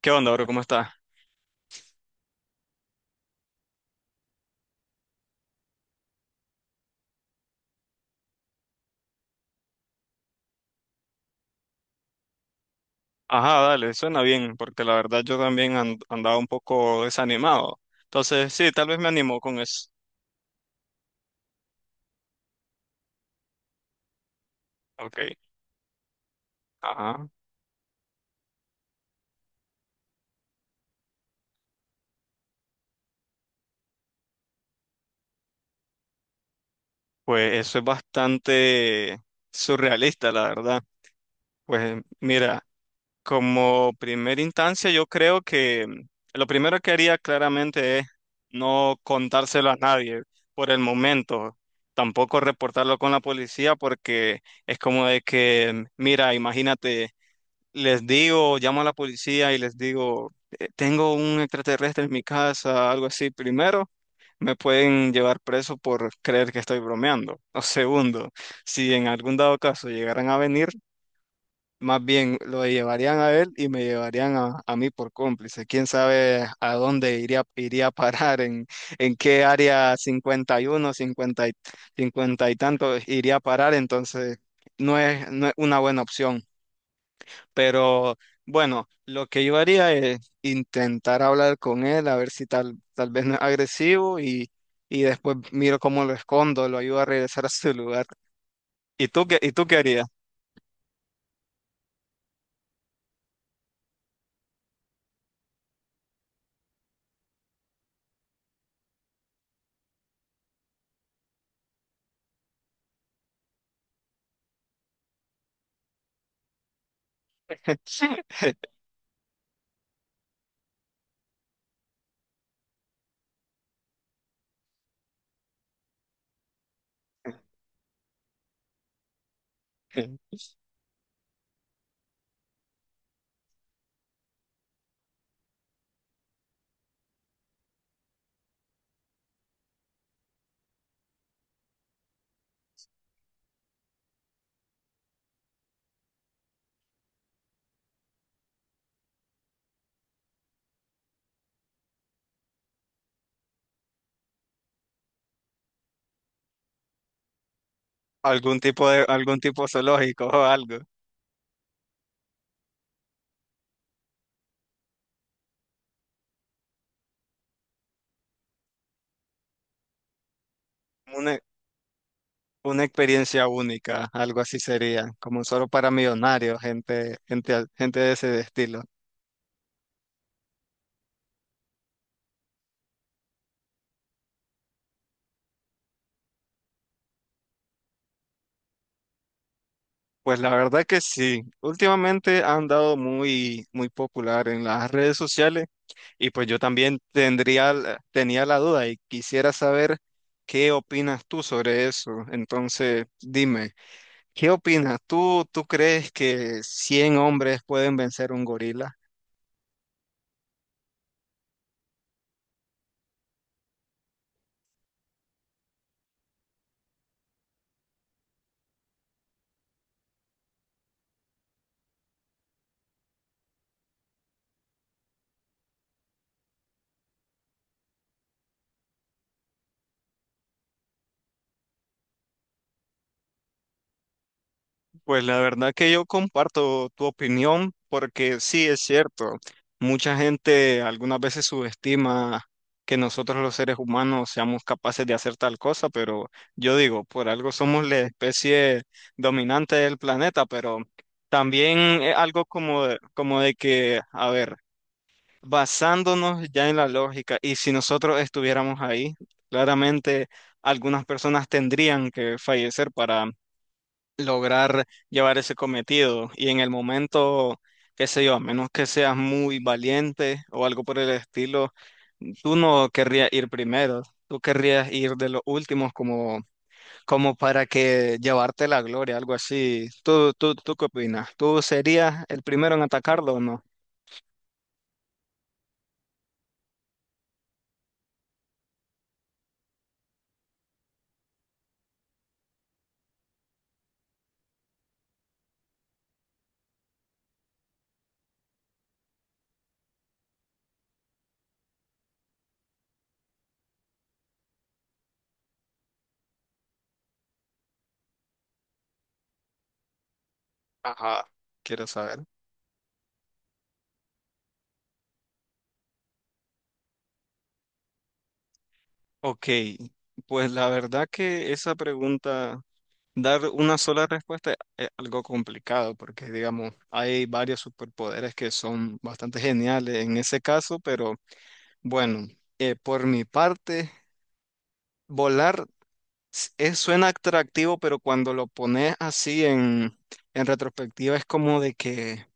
¿Qué onda, bro? ¿Cómo estás? Ajá, dale, suena bien, porque la verdad yo también andaba un poco desanimado. Entonces, sí, tal vez me animó con eso. Ok, ajá. Pues eso es bastante surrealista, la verdad. Pues mira, como primera instancia, yo creo que lo primero que haría claramente es no contárselo a nadie por el momento. Tampoco reportarlo con la policía porque es como de que, mira, imagínate. Les digo, llamo a la policía y les digo, "Tengo un extraterrestre en mi casa", algo así. Primero, me pueden llevar preso por creer que estoy bromeando. O segundo, si en algún dado caso llegaran a venir, más bien lo llevarían a él y me llevarían a mí por cómplice. ¿Quién sabe a dónde iría a parar, en qué área 51, 50 y, 50 y tanto iría a parar? Entonces, no es una buena opción. Pero bueno, lo que yo haría es intentar hablar con él, a ver si tal vez no es agresivo, y después miro cómo lo escondo, lo ayudo a regresar a su lugar. Y tú qué harías? Algún tipo zoológico o algo? Una, una experiencia única, algo así sería, como solo para millonarios, gente, gente, gente de ese estilo. Pues la verdad que sí, últimamente han dado muy, muy popular en las redes sociales. Y pues yo también tenía la duda y quisiera saber qué opinas tú sobre eso. Entonces, dime, ¿qué opinas? ¿Tú crees que 100 hombres pueden vencer un gorila? Pues la verdad que yo comparto tu opinión, porque sí es cierto, mucha gente algunas veces subestima que nosotros los seres humanos seamos capaces de hacer tal cosa, pero yo digo, por algo somos la especie dominante del planeta. Pero también es algo como, como de que, a ver, basándonos ya en la lógica, y si nosotros estuviéramos ahí, claramente algunas personas tendrían que fallecer lograr llevar ese cometido. Y en el momento, qué sé yo, a menos que seas muy valiente o algo por el estilo, tú no querrías ir primero, tú querrías ir de los últimos, como, como para que llevarte la gloria, algo así. ¿Tú qué opinas? ¿Tú serías el primero en atacarlo o no? Ajá, quiero saber. Ok, pues la verdad que esa pregunta, dar una sola respuesta es algo complicado, porque, digamos, hay varios superpoderes que son bastante geniales en ese caso. Pero bueno, por mi parte, volar suena atractivo, pero cuando lo pones así en retrospectiva es como de que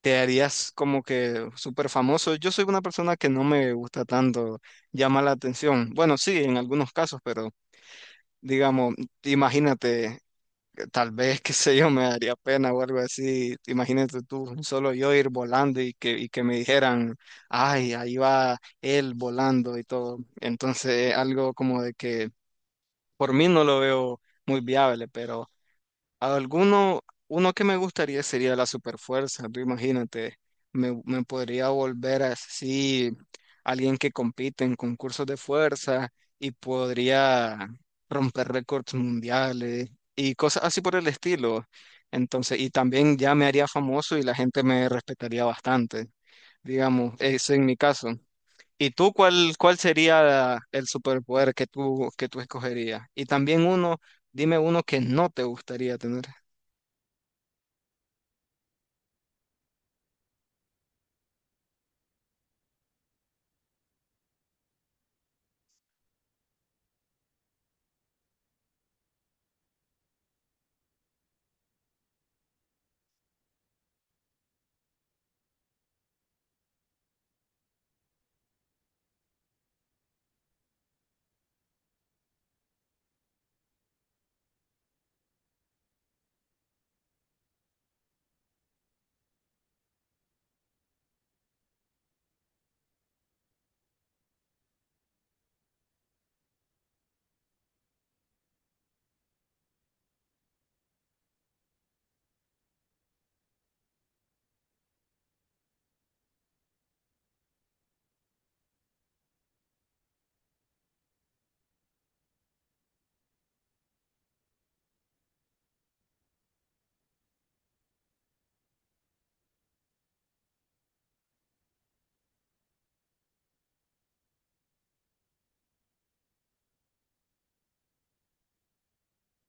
te harías como que súper famoso. Yo soy una persona que no me gusta tanto llamar la atención. Bueno, sí, en algunos casos, pero... Digamos, imagínate, tal vez, qué sé yo, me daría pena o algo así. Imagínate tú, solo yo ir volando y que me dijeran, ay, ahí va él volando y todo. Entonces, algo como de que por mí no lo veo muy viable. Pero alguno, uno que me gustaría sería la superfuerza, tú imagínate, me podría volver así alguien que compite en concursos de fuerza y podría romper récords mundiales y cosas así por el estilo. Entonces, y también ya me haría famoso y la gente me respetaría bastante, digamos, eso en mi caso. ¿Y tú cuál sería el superpoder que que tú escogerías? Y también uno, dime uno que no te gustaría tener.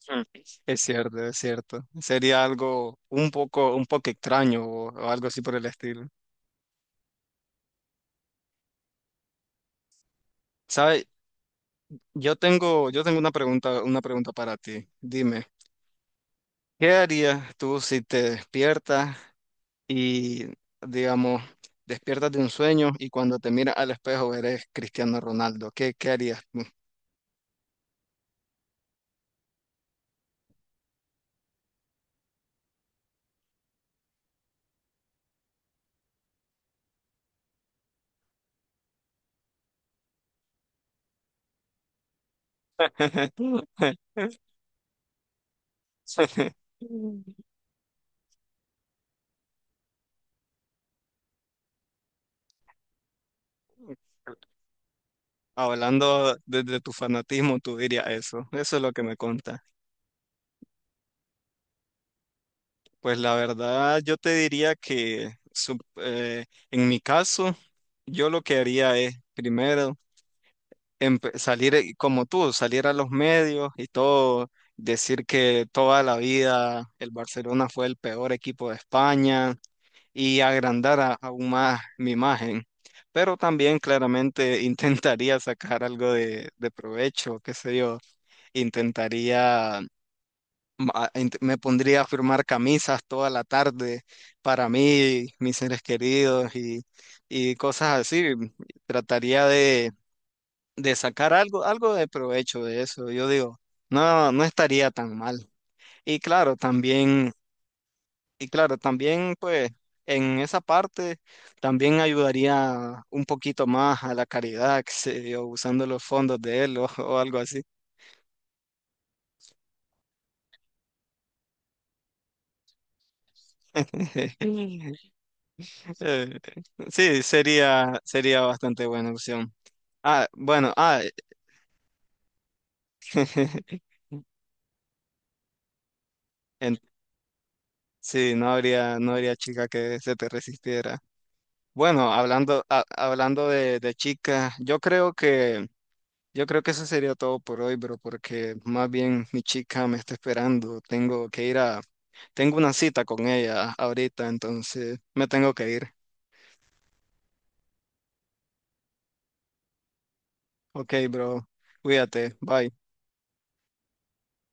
Mm. Es cierto, es cierto. Sería algo un poco extraño, o algo así por el estilo. ¿Sabes? Yo tengo una pregunta para ti. Dime, ¿qué harías tú si te despiertas y, digamos, despiertas de un sueño y cuando te miras al espejo eres Cristiano Ronaldo? Qué harías tú? Hablando desde tu fanatismo, tú dirías eso. Eso es lo que me conta. Pues la verdad, yo te diría que en mi caso, yo lo que haría es primero salir, como tú, salir a los medios y todo, decir que toda la vida el Barcelona fue el peor equipo de España y agrandar aún más mi imagen. Pero también claramente intentaría sacar algo de provecho, qué sé yo, intentaría me pondría a firmar camisas toda la tarde para mí, mis seres queridos, y cosas así. Trataría de sacar algo, algo de provecho de eso. Yo digo, no, no estaría tan mal. Y claro, también, y claro, también pues en esa parte también ayudaría un poquito más a la caridad, que sé yo, usando los fondos de él, o, o algo así. Eh, sí, sería, sería bastante buena opción. Ah, bueno, ah, en- sí, no habría, no habría chica que se te resistiera. Bueno, hablando, hablando de chica, yo creo que eso sería todo por hoy, bro, porque más bien mi chica me está esperando. Tengo que ir a, tengo una cita con ella ahorita, entonces me tengo que ir. Ok, bro, cuídate, bye.